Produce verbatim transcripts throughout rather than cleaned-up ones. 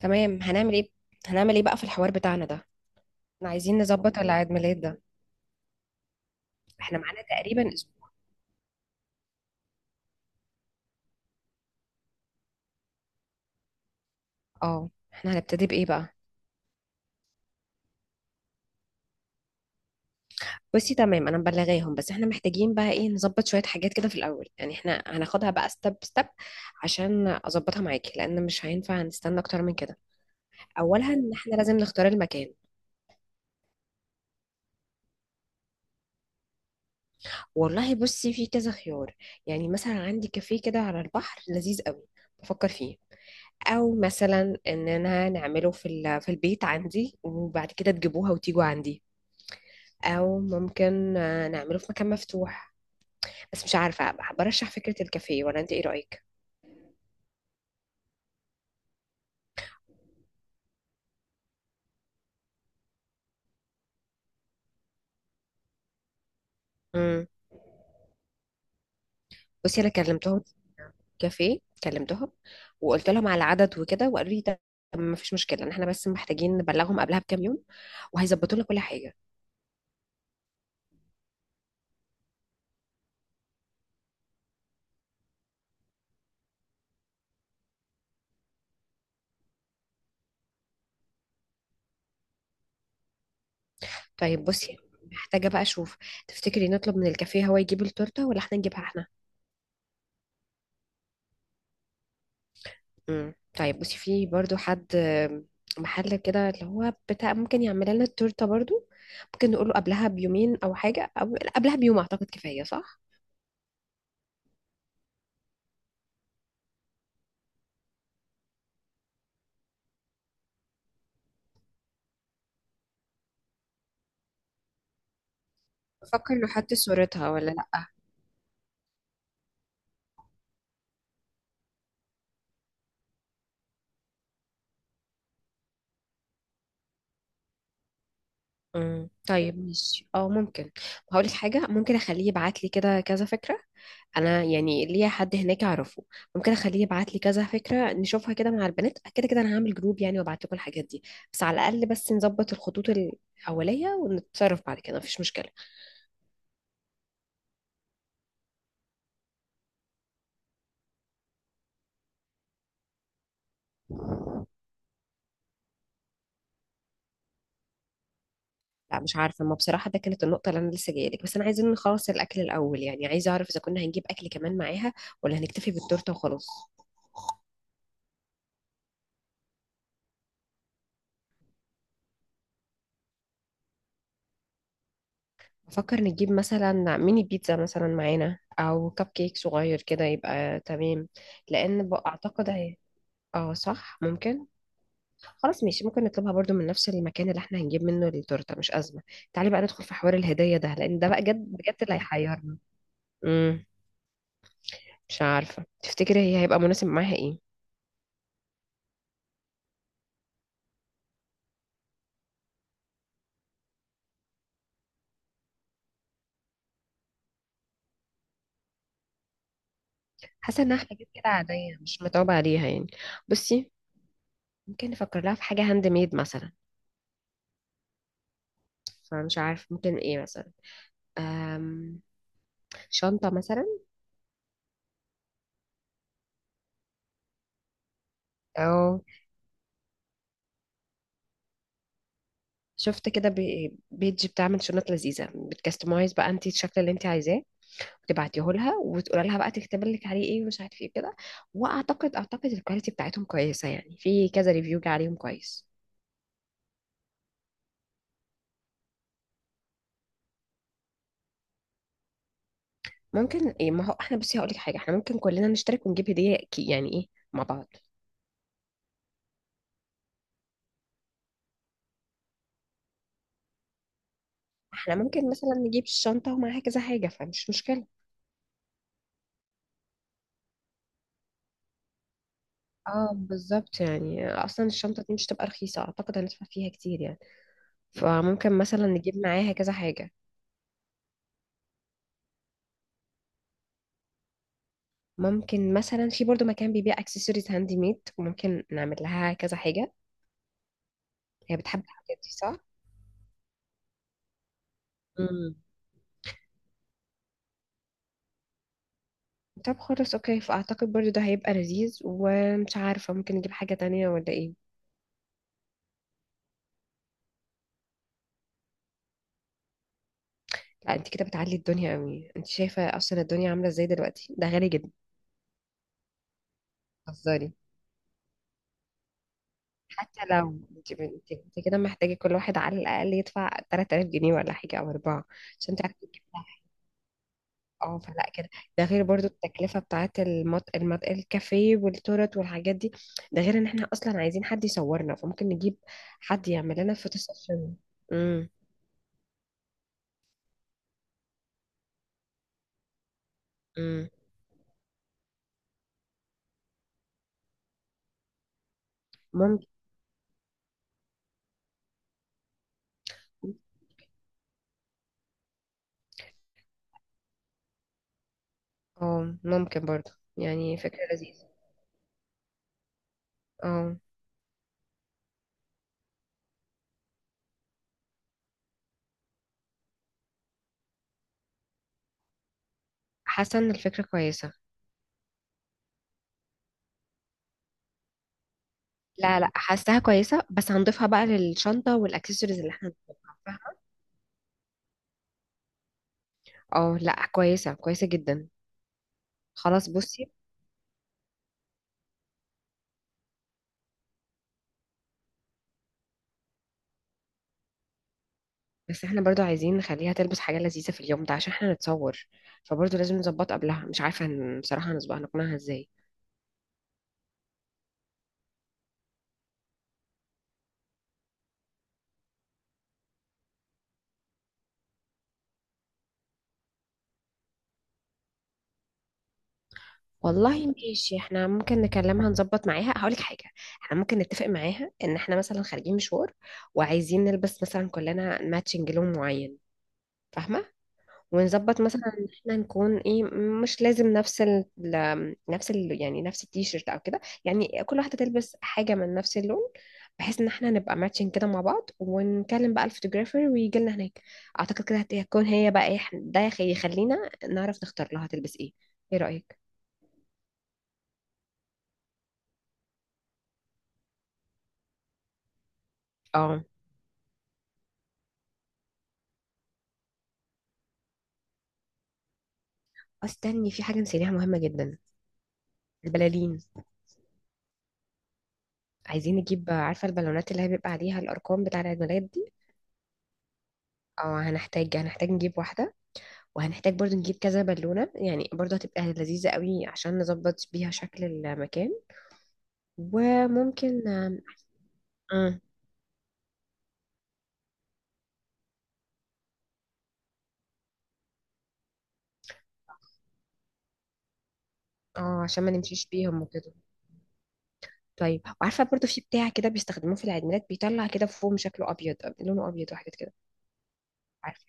تمام، هنعمل ايه؟ هنعمل ايه بقى في الحوار بتاعنا ده؟ احنا عايزين نظبط العيد ميلاد ده. احنا معانا تقريبا اسبوع. اه، احنا هنبتدي بايه بقى؟ بصي تمام، انا مبلغاهم، بس احنا محتاجين بقى ايه، نظبط شوية حاجات كده في الاول، يعني احنا هناخدها بقى ستيب ستيب عشان اظبطها معاكي، لان مش هينفع نستنى اكتر من كده. اولها ان احنا لازم نختار المكان. والله بصي، في كذا خيار. يعني مثلا عندي كافيه كده على البحر لذيذ قوي، بفكر فيه. او مثلا ان انا نعمله في ال- في البيت عندي، وبعد كده تجيبوها وتيجوا عندي. او ممكن آه، نعمله في مكان مفتوح، بس مش عارفه. برشح فكره الكافيه، ولا انت ايه رايك؟ امم. بصي انا كلمتهم. كافيه كلمتهم، وقلت لهم على العدد وكده، وقالوا لي ده ما فيش مشكله، ان احنا بس محتاجين نبلغهم قبلها بكام يوم، وهيظبطوا لنا كل حاجه. طيب بصي، محتاجه بقى اشوف، تفتكري نطلب من الكافيه هو يجيب التورته، ولا احنا نجيبها احنا؟ مم. طيب بصي، في برضو حد آم، محل كده اللي هو بتاع، ممكن يعمل لنا التورته برضو. ممكن نقوله قبلها بيومين او حاجه، او لا، قبلها بيوم اعتقد كفايه، صح؟ بفكر لو حط صورتها ولا لا. مم. طيب ماشي، اه ممكن. هقول لك حاجه، ممكن اخليه يبعت لي كده كذا فكره، انا يعني ليا حد هناك اعرفه، ممكن اخليه يبعت لي كذا فكره نشوفها كده مع البنات، كده كده انا هعمل جروب يعني، وابعت لكم الحاجات دي. بس على الاقل بس نظبط الخطوط الاوليه، ونتصرف بعد كده مفيش مشكله. لا مش عارفه، ما بصراحه ده كانت النقطه اللي انا لسه جايه لك، بس انا عايزين نخلص الاكل الاول، يعني عايزه اعرف اذا كنا هنجيب اكل كمان معاها، ولا هنكتفي بالتورته وخلاص. بفكر نجيب مثلا ميني بيتزا مثلا معانا، او كب كيك صغير كده يبقى تمام، لان ب- اعتقد هي. اه صح، ممكن. خلاص ماشي، ممكن نطلبها برضو من نفس المكان اللي احنا هنجيب منه التورته، مش ازمه. تعالي بقى ندخل في حوار الهديه ده، لان ده بقى جد بجد اللي هيحيرنا. امم. مش عارفه، تفتكري هي هيبقى مناسب معاها ايه؟ حاسه انها حاجات كده عاديه، مش متعوبه عليها يعني. بصي، ممكن نفكر لها في حاجه هاند ميد مثلا، فمش عارف ممكن ايه مثلا. أم شنطه مثلا. او شفت كده بي- بيج بتعمل شنط لذيذه، بتكستمايز بقى انت الشكل اللي انت عايزاه، وتبعتيه لها وتقول لها بقى تكتب لك عليه ايه ومش عارف ايه كده. واعتقد اعتقد الكواليتي بتاعتهم كويسه، يعني في كذا ريفيو جه عليهم كويس. ممكن ايه، ما هو احنا بصي هقول لك حاجه، احنا ممكن كلنا نشترك ونجيب هديه كي- يعني ايه، مع بعض. احنا ممكن مثلا نجيب الشنطة ومعاها كذا حاجة، فمش مشكلة. اه بالظبط، يعني اصلا الشنطة دي مش تبقى رخيصة، اعتقد هندفع فيها كتير يعني، فممكن مثلا نجيب معاها كذا حاجة. ممكن مثلا في برضو مكان بيبيع اكسسوارز هاندي ميد، وممكن نعمل لها كذا حاجة. هي بتحب الحاجات دي، صح؟ امم. طب خلاص اوكي، فاعتقد برضو ده هيبقى لذيذ، ومش عارفة ممكن نجيب حاجة تانية ولا ايه. لا، انت كده بتعلي الدنيا قوي، انت شايفة اصلا الدنيا عاملة ازاي دلوقتي، ده غالي جدا. هزاري. حتى لو، انت انت انت كده محتاجة كل واحد على الأقل يدفع ثلاثة آلاف جنيه ولا حاجة أو أربعة، عشان تعرفي تجيبي لها حاجة. اه فلا كده، ده غير برضو التكلفة بتاعت المط... المط... الكافيه والتورت والحاجات دي، ده غير ان احنا أصلا عايزين حد يصورنا، فممكن نجيب حد يعمل لنا فوتو سيشن. امم. امم، ممكن، اه ممكن برضو. يعني فكرة لذيذة. اه. حاسة ان الفكرة كويسة. لا لا، حاساها كويسة، بس هنضيفها بقى للشنطة والاكسسوارز اللي احنا هنضيفها. اه لا، كويسة كويسة جدا. خلاص بصي، بس احنا برضو عايزين نخليها تلبس حاجة لذيذة في اليوم ده عشان احنا نتصور، فبرضو لازم نظبط قبلها، مش عارفة هن- بصراحة هنظبط نقنعها ازاي. والله ماشي، احنا ممكن نكلمها نظبط معاها، هقولك حاجة، احنا ممكن نتفق معاها ان احنا مثلا خارجين مشوار، وعايزين نلبس مثلا كلنا ماتشنج لون معين، فاهمة؟ ونظبط مثلا ان احنا نكون ايه، مش لازم نفس ال ال- نفس ال يعني نفس التيشيرت او كده، يعني كل واحده تلبس حاجه من نفس اللون، بحيث ان احنا نبقى ماتشنج كده مع بعض، ونكلم بقى الفوتوغرافر ويجي لنا هناك. اعتقد كده هت- هتكون هي بقى ايه، إحنا- ده يخ- يخلينا نعرف نختار لها تلبس ايه. ايه رايك؟ اه استني، في حاجه نسيناها مهمه جدا، البلالين. عايزين نجيب، عارفه البالونات اللي هي بيبقى عليها الارقام بتاع العيد ميلاد دي؟ اه، هنحتاج هنحتاج نجيب واحده. وهنحتاج برضو نجيب كذا بالونة، يعني برضو هتبقى لذيذة قوي عشان نظبط بيها شكل المكان. وممكن. امم. اه، عشان ما نمشيش بيهم وكده. طيب وعارفة برضو في بتاع كده بيستخدموه في العيد ميلاد، بيطلع كده فوم شكله أبيض، لونه أبيض وحاجات كده، عارفة؟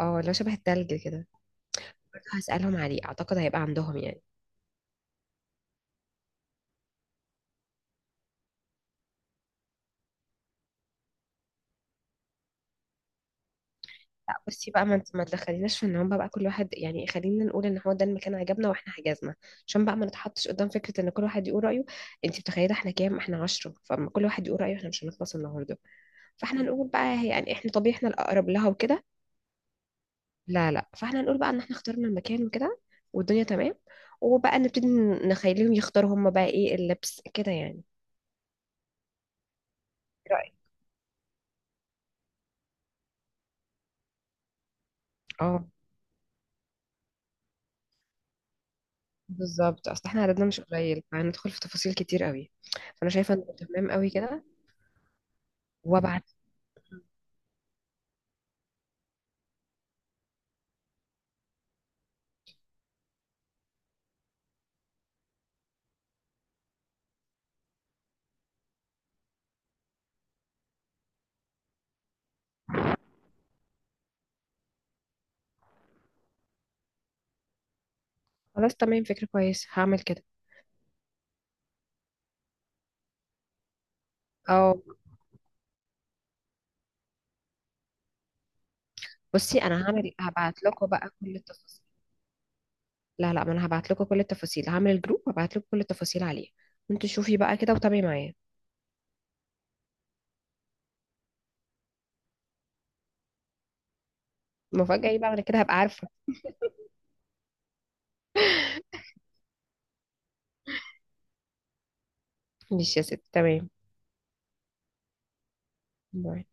اه لو شبه التلج كده. برضو هسألهم عليه، أعتقد هيبقى عندهم يعني. لا بصي بقى، ما انت ما تدخليناش في ان هم بقى كل واحد يعني، خلينا نقول ان هو ده المكان عجبنا واحنا حجزنا، عشان بقى ما نتحطش قدام فكره ان كل واحد يقول رايه، انت متخيله احنا كام، احنا عشرة، فما كل واحد يقول رايه احنا مش هنخلص النهارده. فاحنا نقول بقى هي- يعني احنا طبيعي احنا الاقرب لها وكده. لا لا، فاحنا نقول بقى ان احنا اخترنا المكان وكده، والدنيا تمام، وبقى نبتدي نخليهم يختاروا هم بقى ايه اللبس كده يعني. إيه رأيك؟ اه بالظبط، اصل احنا عددنا مش قليل، فهندخل في تفاصيل كتير قوي. فانا شايفه انه تمام قوي كده. وابعت. خلاص تمام، فكرة كويسة، هعمل كده. او بصي، انا هعمل هبعت لكم بقى كل التفاصيل. لا لا، ما انا هبعت لكم كل التفاصيل، هعمل الجروب وابعت لكم كل التفاصيل عليه. انتوا شوفي بقى كده وتابعي معايا. المفاجأة ايه بقى، انا كده هبقى عارفة. مش يا ست، تمام. باي.